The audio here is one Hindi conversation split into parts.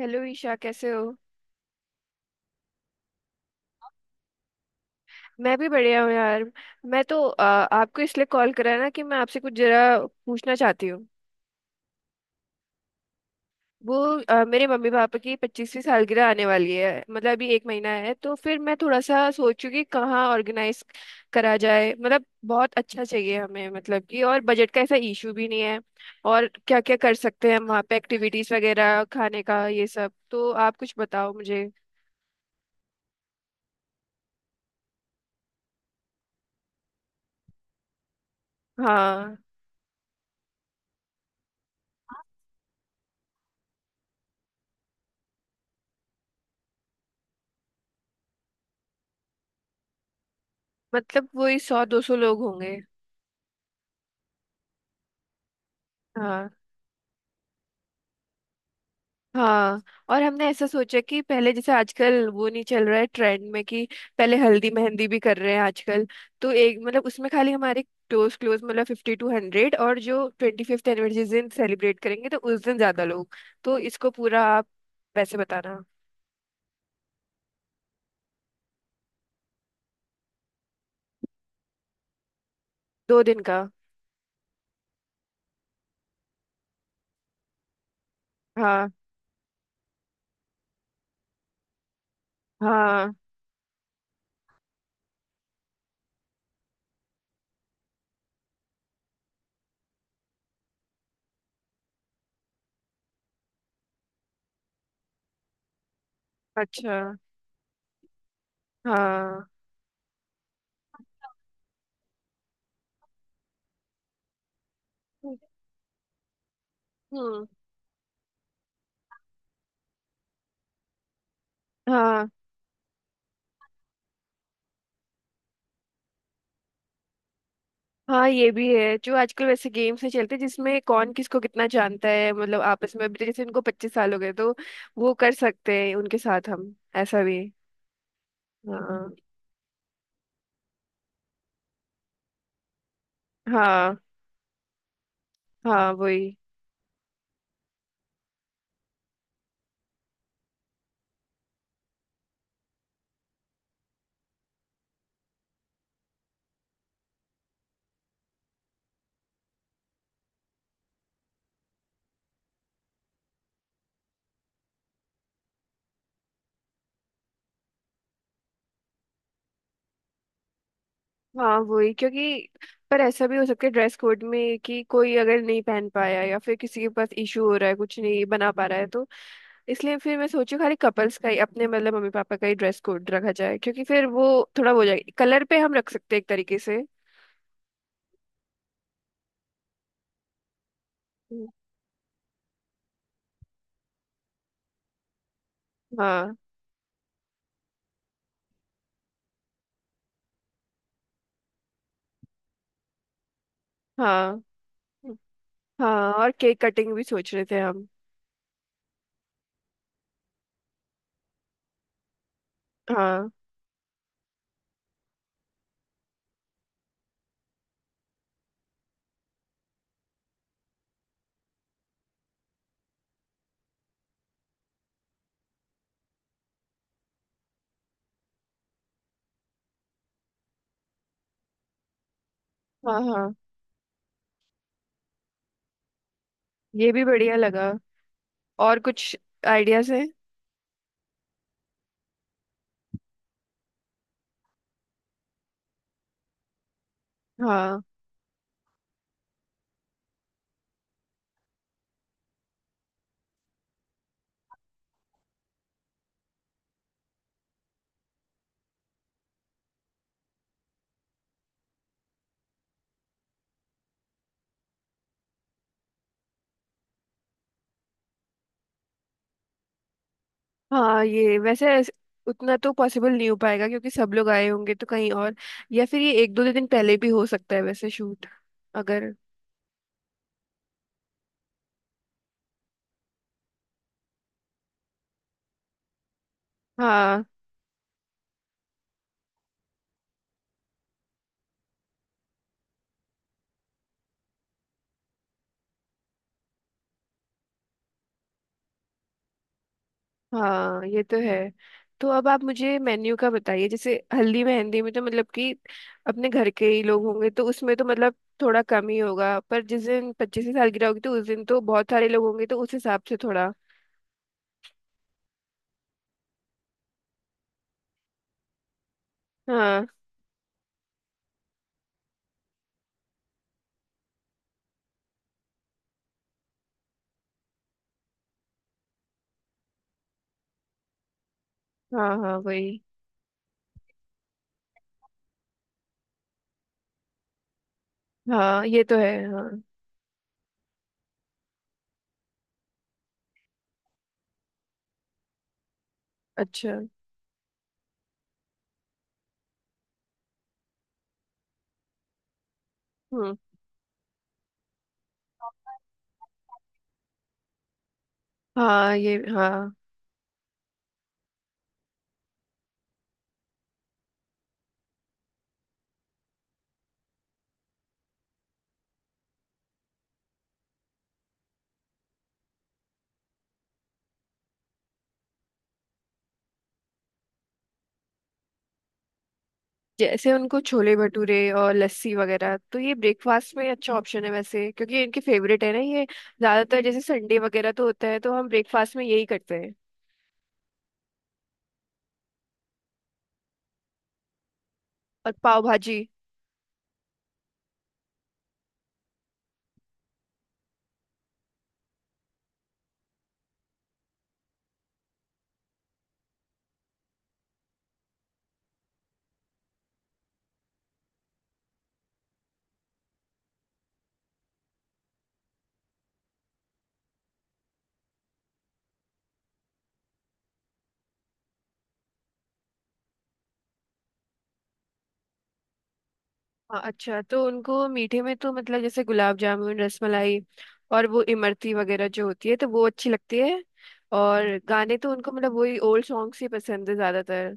हेलो ईशा, कैसे हो? मैं भी बढ़िया हूँ यार। मैं तो आपको इसलिए कॉल करा है ना कि मैं आपसे कुछ जरा पूछना चाहती हूँ। वो मेरे मम्मी पापा की 25वीं सालगिरह आने वाली है, मतलब अभी एक महीना है। तो फिर मैं थोड़ा सा सोचूं कि कहाँ ऑर्गेनाइज करा जाए, मतलब बहुत अच्छा चाहिए हमें, मतलब कि और बजट का ऐसा इशू भी नहीं है। और क्या क्या कर सकते हैं हम, वहाँ पे एक्टिविटीज वगैरह, खाने का ये सब, तो आप कुछ बताओ मुझे। हाँ। मतलब वही 100-200 लोग होंगे। हाँ, हाँ। और हमने ऐसा सोचा कि पहले जैसे आजकल वो नहीं चल रहा है ट्रेंड में कि पहले हल्दी मेहंदी भी कर रहे हैं आजकल। तो एक मतलब उसमें खाली हमारे क्लोज क्लोज, मतलब 50-100, और जो 25th एनिवर्सरी दिन सेलिब्रेट करेंगे तो उस दिन ज्यादा लोग। तो इसको पूरा आप वैसे बताना। 2 दिन का। हाँ। हाँ। अच्छा। हाँ। हम्म। हाँ। हाँ, ये भी है। जो आजकल वैसे गेम्स नहीं चलते जिसमें कौन किसको कितना जानता है, मतलब आपस में, अभी तो जैसे इनको 25 साल हो गए तो वो कर सकते हैं उनके साथ हम ऐसा भी। हाँ। हाँ। हाँ वही। हाँ वही, क्योंकि पर ऐसा भी हो सकता है ड्रेस कोड में कि कोई अगर नहीं पहन पाया या फिर किसी के पास इशू हो रहा है, कुछ नहीं बना पा रहा है तो, इसलिए फिर मैं सोचू खाली कपल्स का ही, अपने मतलब मम्मी पापा का ही ड्रेस कोड रखा जाए, क्योंकि फिर वो थोड़ा वो हो जाएगा। कलर पे हम रख सकते हैं एक तरीके से। हम्म। हाँ। हाँ। हाँ, और केक कटिंग भी सोच रहे थे हम। हाँ। हाँ। हाँ, ये भी बढ़िया लगा। और कुछ आइडियाज हैं? हाँ। हाँ ये वैसे उतना तो पॉसिबल नहीं हो पाएगा, क्योंकि सब लोग आए होंगे तो कहीं और, या फिर ये एक दो दिन पहले भी हो सकता है वैसे शूट, अगर। हाँ। हाँ ये तो है। तो अब आप मुझे मेन्यू का बताइए। जैसे हल्दी मेहंदी में तो मतलब कि अपने घर के ही लोग होंगे, तो उसमें तो मतलब थोड़ा कम ही होगा। पर जिस दिन 25वीं सालगिरह होगी तो उस दिन तो बहुत सारे लोग होंगे, तो उस हिसाब से थोड़ा। हाँ। हाँ। हाँ वही। हाँ ये तो है हाँ। अच्छा। हम्म। हाँ ये हाँ। जैसे उनको छोले भटूरे और लस्सी वगैरह, तो ये ब्रेकफास्ट में अच्छा ऑप्शन है वैसे, क्योंकि इनके फेवरेट है ना ये। ज्यादातर जैसे संडे वगैरह तो होता है तो हम ब्रेकफास्ट में यही करते हैं। और पाव भाजी। हाँ। अच्छा, तो उनको मीठे में तो मतलब जैसे गुलाब जामुन, रसमलाई, और वो इमरती वगैरह जो होती है तो वो अच्छी लगती है। और गाने तो उनको मतलब वही ओल्ड सॉन्ग्स ही पसंद है ज्यादातर।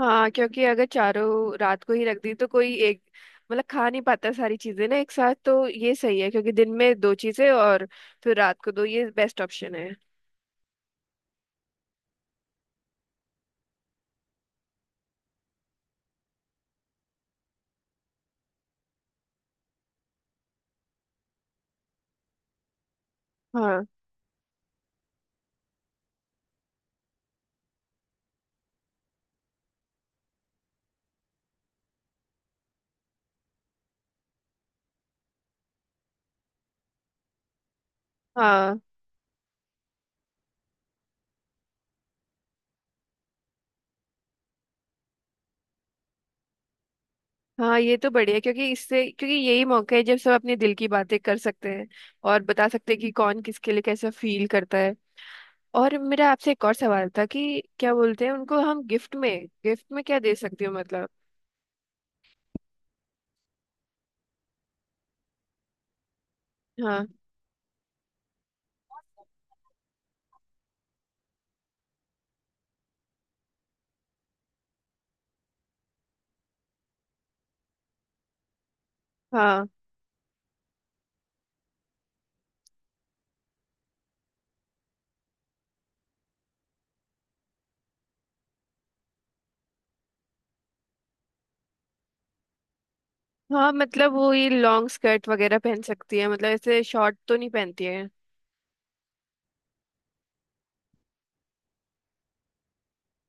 हाँ, क्योंकि अगर चारों रात को ही रख दी तो कोई एक मतलब खा नहीं पाता सारी चीजें ना एक साथ। तो ये सही है, क्योंकि दिन में दो चीजें और फिर रात को दो, ये बेस्ट ऑप्शन है। हाँ। हाँ। हाँ ये तो बढ़िया, क्योंकि इससे, क्योंकि यही मौका है जब सब अपने दिल की बातें कर सकते हैं और बता सकते हैं कि कौन किसके लिए कैसा फील करता है। और मेरा आपसे एक और सवाल था कि क्या बोलते हैं उनको हम गिफ्ट में, गिफ्ट में क्या दे सकती हो मतलब। हाँ। हाँ। हाँ मतलब वो ये लॉन्ग स्कर्ट वगैरह पहन सकती है, मतलब ऐसे शॉर्ट तो नहीं पहनती है।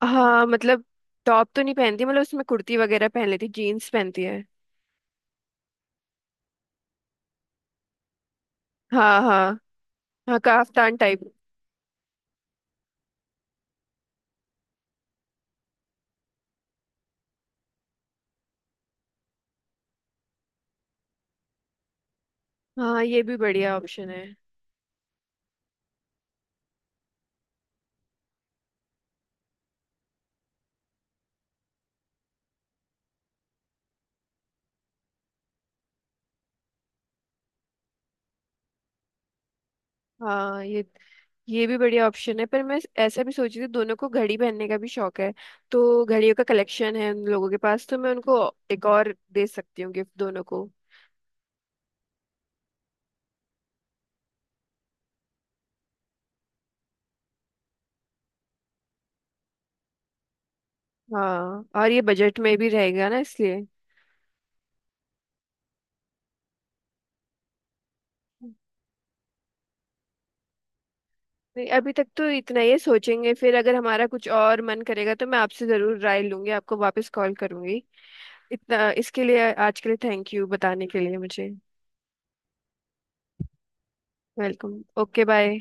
हाँ मतलब टॉप तो नहीं पहनती, मतलब उसमें कुर्ती वगैरह पहन लेती, जीन्स पहनती है। हाँ। हाँ। हाँ काफ्तान टाइप। हाँ ये भी बढ़िया ऑप्शन है। हाँ ये भी बढ़िया ऑप्शन है, पर मैं ऐसा भी सोच रही थी दोनों को घड़ी पहनने का भी शौक है, तो घड़ियों का कलेक्शन है उन लोगों के पास, तो मैं उनको एक और दे सकती हूँ गिफ्ट दोनों को। हाँ, और ये बजट में भी रहेगा ना इसलिए। नहीं, अभी तक तो इतना ही है, सोचेंगे फिर, अगर हमारा कुछ और मन करेगा तो मैं आपसे जरूर राय लूंगी, आपको वापस कॉल करूंगी। इतना इसके लिए, आज के लिए थैंक यू बताने के लिए मुझे। Welcome, okay bye.